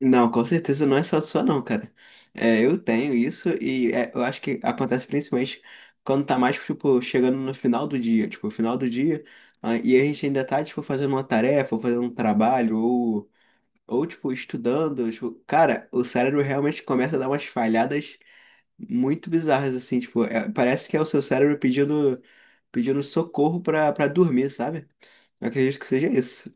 Não, com certeza não é só sua não, cara. É, eu tenho isso e é, eu acho que acontece principalmente quando tá mais, tipo, chegando no final do dia, tipo, final do dia, e a gente ainda tá, tipo, fazendo uma tarefa, ou fazendo um trabalho, ou tipo, estudando, tipo, cara, o cérebro realmente começa a dar umas falhadas muito bizarras, assim, tipo, é, parece que é o seu cérebro pedindo socorro pra dormir, sabe? Eu acredito que seja isso.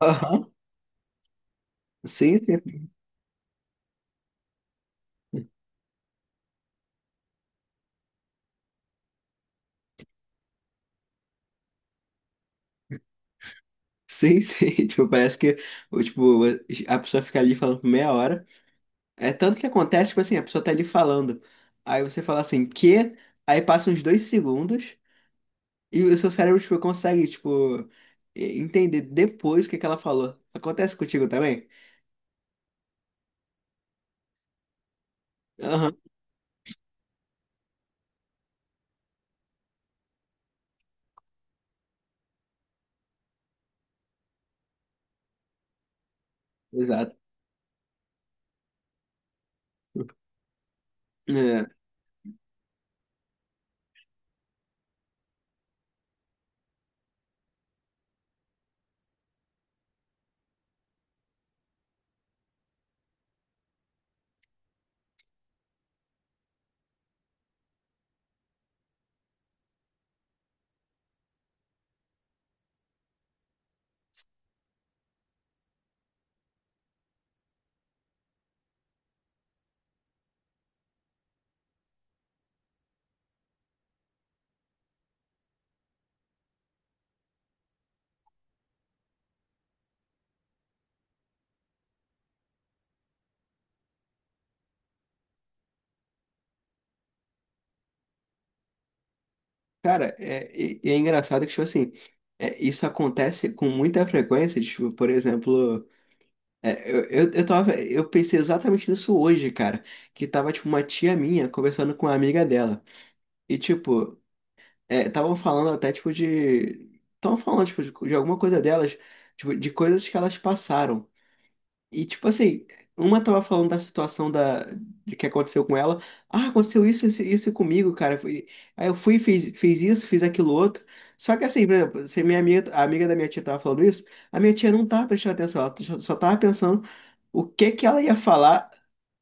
Aham. Sim, sim. Sim, sim, tipo, parece que, o- tipo, a pessoa fica ali falando por meia hora. É tanto que acontece, tipo assim, a pessoa tá ali falando. Aí você fala assim, que? Aí passa uns 2 segundos e o seu cérebro, tipo, consegue, tipo, entender depois o que que ela falou. Acontece contigo também? Aham, exato. É, cara, e é engraçado que, tipo assim, é, isso acontece com muita frequência, tipo, por exemplo. É, eu pensei exatamente nisso hoje, cara. Que tava, tipo, uma tia minha conversando com uma amiga dela. E, tipo, é, estavam falando até, tipo, de. Estavam falando, tipo, de alguma coisa delas, tipo, de coisas que elas passaram. E tipo assim, uma tava falando de que aconteceu com ela. Ah, aconteceu isso, isso, isso comigo, cara. Aí eu fui, e fiz isso, fiz aquilo outro. Só que assim, por exemplo, se a amiga da minha tia tava falando isso, a minha tia não tava prestando atenção, ela só tava pensando o que que ela ia falar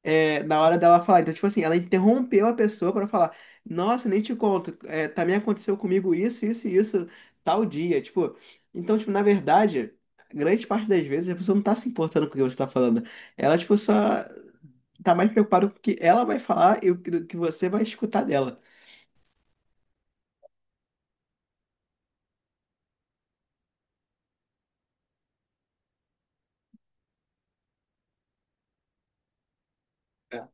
é, na hora dela falar. Então, tipo assim, ela interrompeu a pessoa pra falar: Nossa, nem te conto, é, também aconteceu comigo isso, isso e isso, tal dia. Tipo, então, tipo, na verdade, grande parte das vezes a pessoa não tá se importando com o que você tá falando. Ela, tipo, só tá mais preocupada com o que ela vai falar e o que, do que você vai escutar dela. É.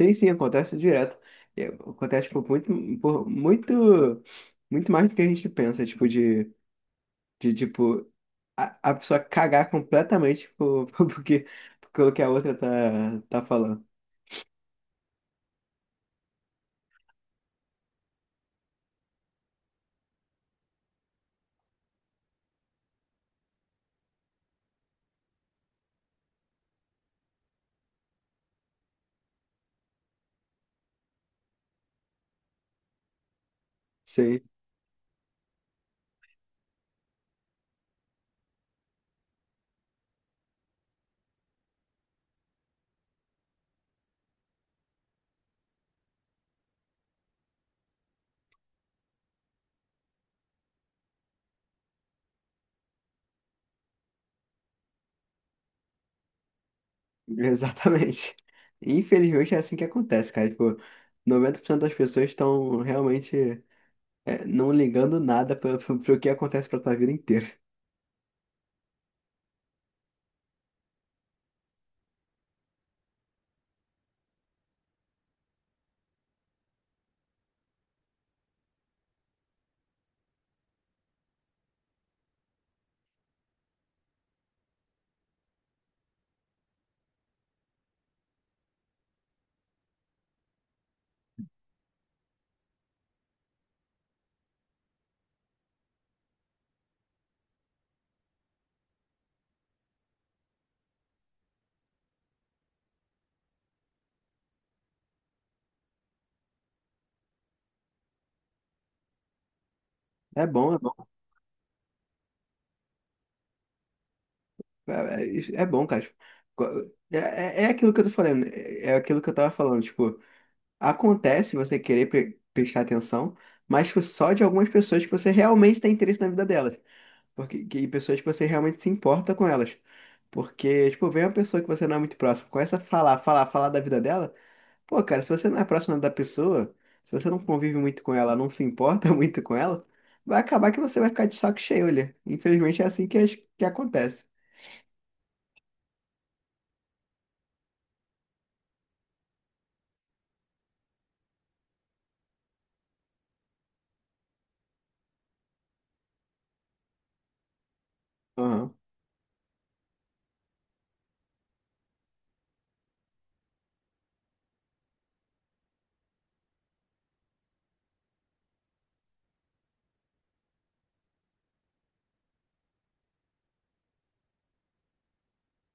Sim, sim, acontece direto. É, acontece, tipo, muito, muito, muito mais do que a gente pensa, tipo, de tipo. A, a pessoa cagar completamente por, porque, pelo que a outra tá falando. Sei, exatamente. Infelizmente é assim que acontece, cara. Tipo, 90% das pessoas estão realmente é, não ligando nada para pro, pro que acontece pra tua vida inteira. É bom, é bom. É, é bom, cara. Tipo, co- é, é aquilo que eu tô falando, é aquilo que eu tava falando. Tipo, acontece você querer prestar atenção, mas tipo, só de algumas pessoas que você realmente tem interesse na vida delas. Porque, que pessoas que você realmente se importa com elas. Porque, tipo, vem uma pessoa que você não é muito próximo, começa a falar, falar, falar da vida dela. Pô, cara, se você não é próximo da pessoa, se você não convive muito com ela, não se importa muito com ela, vai acabar que você vai ficar de saco cheio, olha. Infelizmente é assim que acontece. Aham.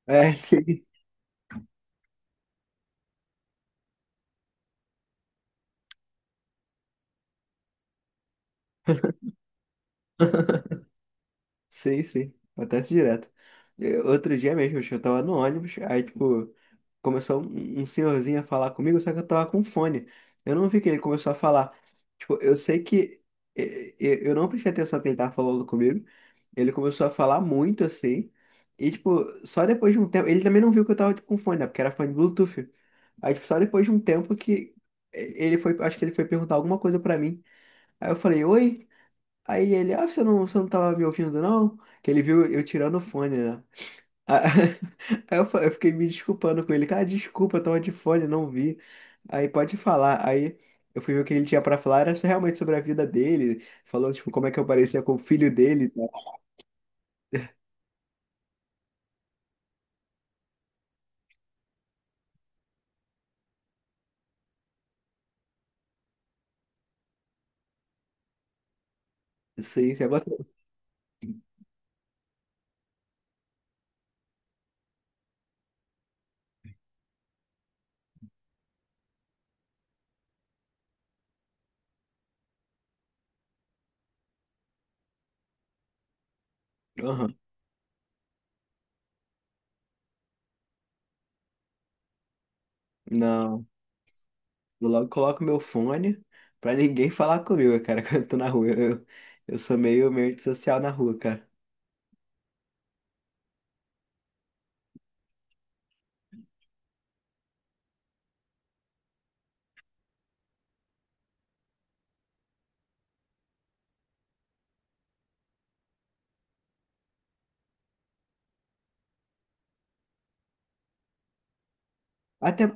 É, sim. Sei, sei. Acontece direto. Outro dia mesmo, acho que eu tava no ônibus, aí, tipo, começou um senhorzinho a falar comigo, só que eu tava com fone. Eu não vi que ele começou a falar. Tipo, eu sei que eu não prestei atenção que ele tava falando comigo. Ele começou a falar muito assim. E, tipo, só depois de um tempo. Ele também não viu que eu tava, tipo, com fone, né? Porque era fone Bluetooth. Aí, tipo, só depois de um tempo que ele foi. Acho que ele foi perguntar alguma coisa pra mim. Aí eu falei, oi. Aí ele, ah, você não tava me ouvindo, não? Que ele viu eu tirando o fone, né? Ah, Aí eu, eu fiquei me desculpando com ele. Cara, desculpa, eu tava de fone, não vi. Aí pode falar. Aí eu fui ver o que ele tinha pra falar, era só realmente sobre a vida dele. Falou, tipo, como é que eu parecia com o filho dele e tal. Sim, você gosta? Aham. Não, eu logo coloco meu fone pra ninguém falar comigo, cara, quando eu tô na rua. Eu sou meio antissocial na rua, cara. Até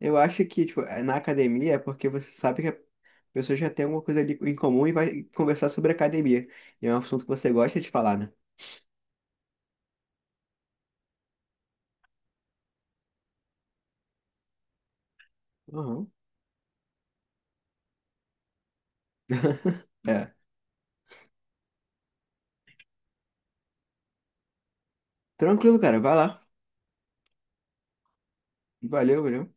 eu acho que, tipo, na academia é porque você sabe que a pessoa já tem alguma coisa ali em comum e vai conversar sobre academia. E é um assunto que você gosta de falar, né? Aham. É. Tranquilo, cara. Vai lá. Valeu, valeu.